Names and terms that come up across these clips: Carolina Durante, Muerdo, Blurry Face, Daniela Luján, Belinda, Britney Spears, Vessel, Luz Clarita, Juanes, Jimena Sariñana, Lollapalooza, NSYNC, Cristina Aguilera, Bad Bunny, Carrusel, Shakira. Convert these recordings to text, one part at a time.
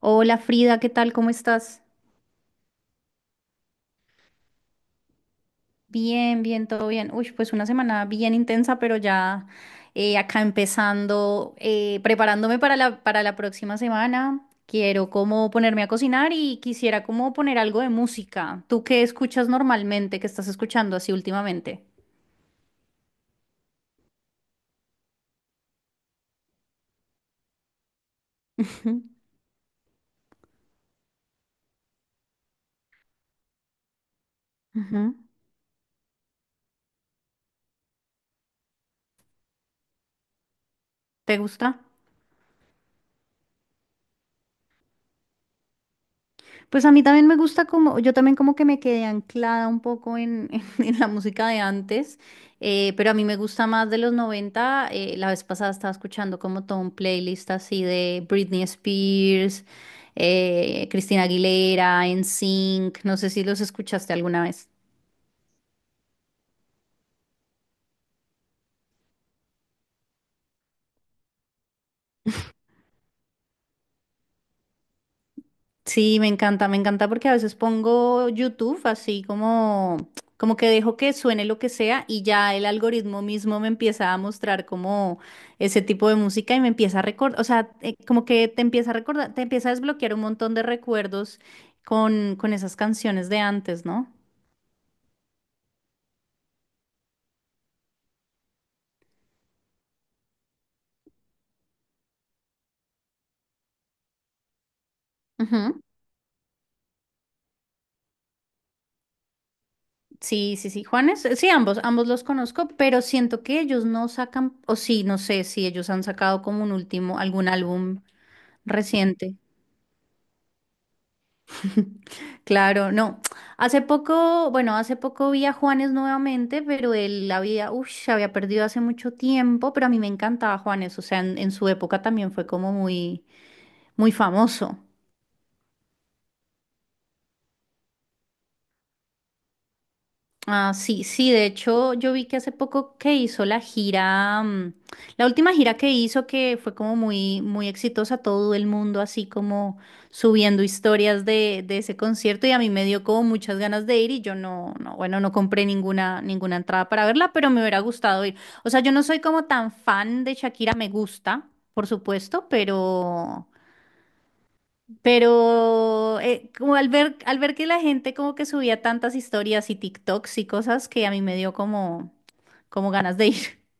Hola Frida, ¿qué tal? ¿Cómo estás? Bien, bien, todo bien. Uy, pues una semana bien intensa, pero ya acá empezando, preparándome para la próxima semana. Quiero como ponerme a cocinar y quisiera como poner algo de música. ¿Tú qué escuchas normalmente? ¿Qué estás escuchando así últimamente? Ujú, ujú. ¿Te gusta? Pues a mí también me gusta como, yo también como que me quedé anclada un poco en, la música de antes, pero a mí me gusta más de los 90. La vez pasada estaba escuchando como todo un playlist así de Britney Spears, Cristina Aguilera, NSYNC, no sé si los escuchaste alguna vez. Sí, me encanta porque a veces pongo YouTube así como, como que dejo que suene lo que sea y ya el algoritmo mismo me empieza a mostrar como ese tipo de música y me empieza a recordar, o sea, como que te empieza a recordar, te empieza a desbloquear un montón de recuerdos con esas canciones de antes, ¿no? Ujú. Sí, sí, sí, Juanes, sí, ambos los conozco, pero siento que ellos no sacan, o sí, no sé si ellos han sacado como un último, algún álbum reciente. Claro, no. Hace poco vi a Juanes nuevamente, pero se había perdido hace mucho tiempo, pero a mí me encantaba Juanes, o sea, en su época también fue como muy, muy famoso. Ah, sí, sí, de hecho yo vi que hace poco que hizo la gira, la última gira que hizo que fue como muy, muy exitosa, todo el mundo así como subiendo historias de ese concierto y a mí me dio como muchas ganas de ir y yo no compré ninguna entrada para verla, pero me hubiera gustado ir. O sea, yo no soy como tan fan de Shakira, me gusta, por supuesto, pero... Pero como al ver que la gente como que subía tantas historias y TikToks y cosas que a mí me dio como ganas de ir.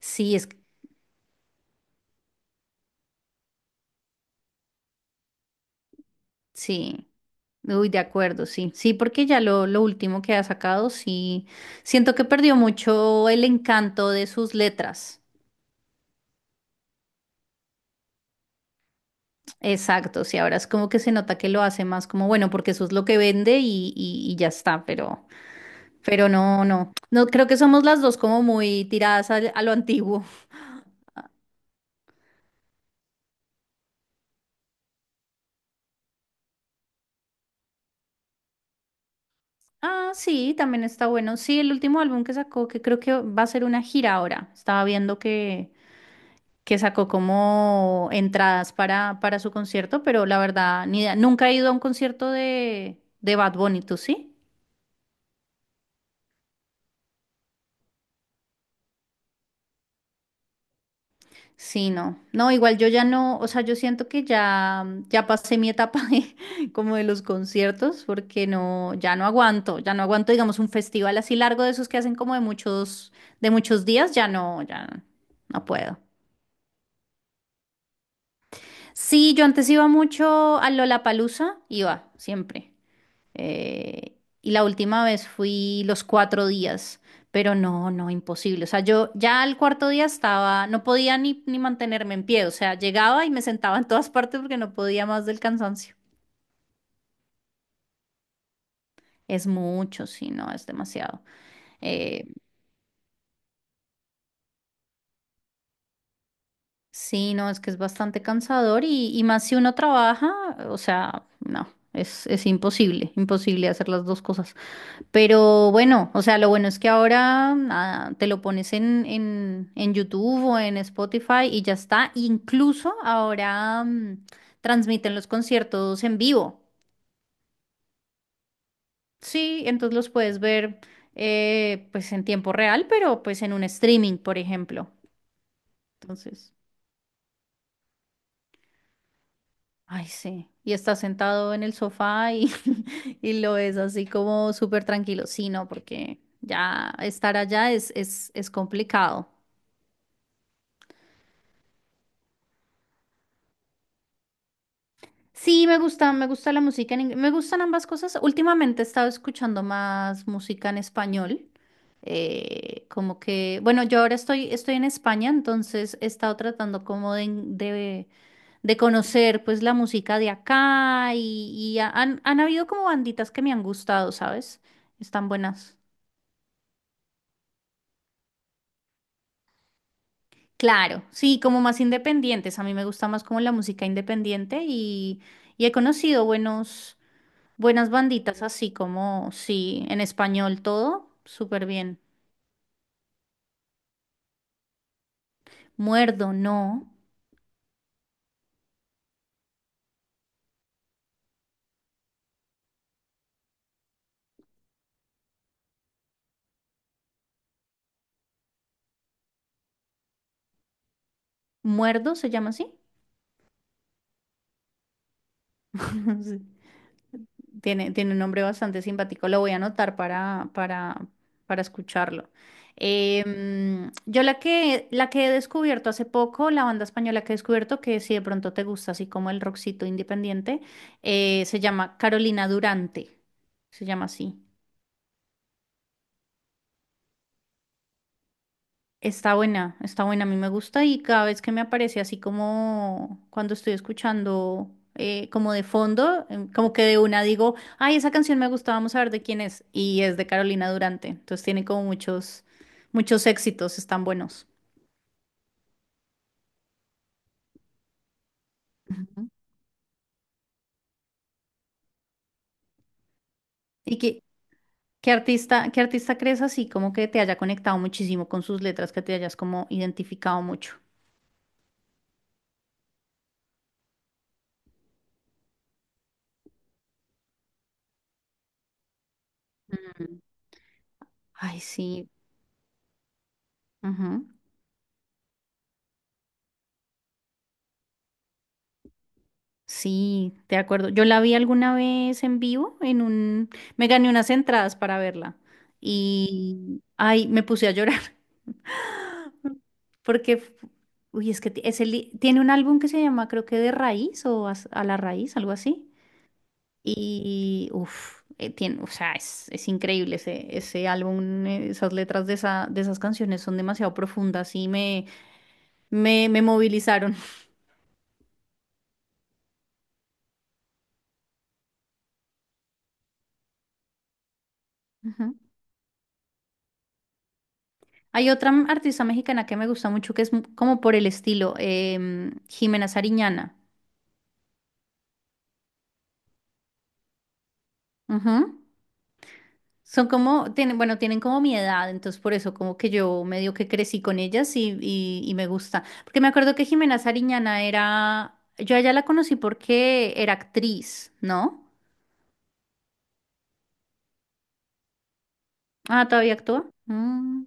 Sí, sí. Uy, de acuerdo, sí. Sí, porque ya lo último que ha sacado, sí. Siento que perdió mucho el encanto de sus letras. Exacto, sí, ahora es como que se nota que lo hace más como, bueno, porque eso es lo que vende y ya está, pero no, no. No, creo que somos las dos como muy tiradas a lo antiguo. Ah, sí, también está bueno. Sí, el último álbum que sacó, que creo que va a ser una gira ahora. Estaba viendo que sacó como entradas para su concierto, pero la verdad, ni idea. Nunca he ido a un concierto de Bad Bunny, ¿tú sí? Sí, no. No, igual yo ya no, o sea, yo siento que ya pasé mi etapa como de los conciertos, porque no, ya no aguanto, digamos, un festival así largo de esos que hacen como de muchos, días, ya no, ya no puedo. Sí, yo antes iba mucho a Lollapalooza, iba siempre. Y la última vez fui los 4 días, pero no, no, imposible. O sea, yo ya al cuarto día estaba, no podía ni mantenerme en pie. O sea, llegaba y me sentaba en todas partes porque no podía más del cansancio. Es mucho, sí, no, es demasiado. Eh, sí, no, es que es bastante cansador y más si uno trabaja, o sea, no, es imposible, imposible hacer las dos cosas. Pero bueno, o sea, lo bueno es que ahora nada, te lo pones en YouTube o en Spotify y ya está. Incluso ahora transmiten los conciertos en vivo. Sí, entonces los puedes ver pues en tiempo real, pero pues en un streaming, por ejemplo. Entonces, ay, sí. Y estás sentado en el sofá y, y lo ves así como súper tranquilo. Sí, no, porque ya estar allá es complicado. Sí, me gusta la música en inglés. Me gustan ambas cosas. Últimamente he estado escuchando más música en español. Como que, bueno, yo ahora estoy en España, entonces he estado tratando como de conocer pues la música de acá y han habido como banditas que me han gustado, ¿sabes? Están buenas. Claro, sí, como más independientes. A mí me gusta más como la música independiente y he conocido buenos. Buenas banditas, así como, sí, en español todo, súper bien. Muerdo, no. Muerdo se llama así. Sí. Tiene un nombre bastante simpático. Lo voy a anotar para, para escucharlo. Yo la que he descubierto hace poco, la banda española que he descubierto, que si de pronto te gusta, así como el rockcito independiente, se llama Carolina Durante. Se llama así. Está buena, a mí me gusta y cada vez que me aparece así como cuando estoy escuchando como de fondo, como que de una digo, ay, esa canción me gusta, vamos a ver de quién es. Y es de Carolina Durante, entonces tiene como muchos, muchos éxitos, están buenos. Ujú. ¿Y qué artista crees así como que te haya conectado muchísimo con sus letras, que te hayas como identificado mucho? Mm. Ay, sí. Ujú. Sí, de acuerdo. Yo la vi alguna vez en vivo Me gané unas entradas para verla y... Ay, me puse a llorar. Porque... f- Uy, es que tiene un álbum que se llama, creo que De Raíz o A la Raíz, algo así. Y, tiene, o sea, es increíble ese álbum. Esas letras de esas canciones son demasiado profundas y me movilizaron. Hay otra artista mexicana que me gusta mucho que es como por el estilo, Jimena Sariñana. Ujú. Son como, tienen como mi edad, entonces por eso como que yo medio que crecí con ellas y me gusta. Porque me acuerdo que Jimena Sariñana yo a ella la conocí porque era actriz, ¿no? Ah, ¿todavía actúa? Mm.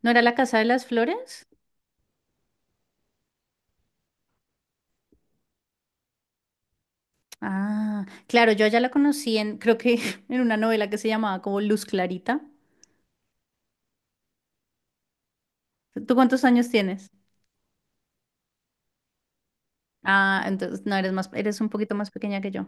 ¿No era La Casa de las Flores? Ah, claro, yo a ella la conocí en, creo que en una novela que se llamaba como Luz Clarita. ¿Tú cuántos años tienes? Ah, entonces no eres más, eres un poquito más pequeña que yo.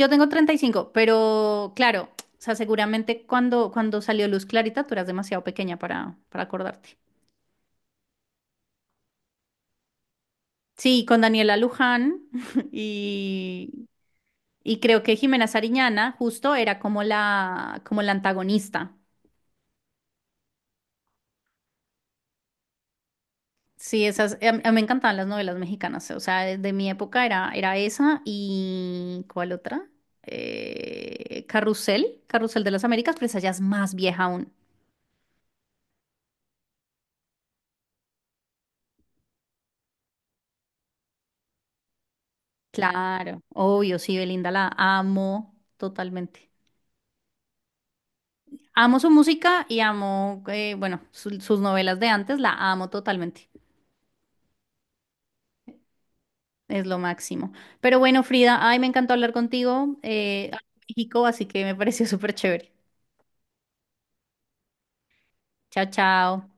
Yo tengo 35, pero claro, o sea, seguramente cuando salió Luz Clarita, tú eras demasiado pequeña para, acordarte. Sí, con Daniela Luján y, y creo que Jimena Sariñana justo era como como la antagonista. Sí, esas, a mí me encantaban las novelas mexicanas, o sea, de mi época era esa y ¿cuál otra? Carrusel de las Américas, pero esa ya es más vieja aún. Claro, obvio, sí, Belinda la amo totalmente. Amo su música y amo, bueno, sus novelas de antes, la amo totalmente. Es lo máximo. Pero bueno, Frida, ay, me encantó hablar contigo, amo México, así que me pareció súper chévere. Chao, chao.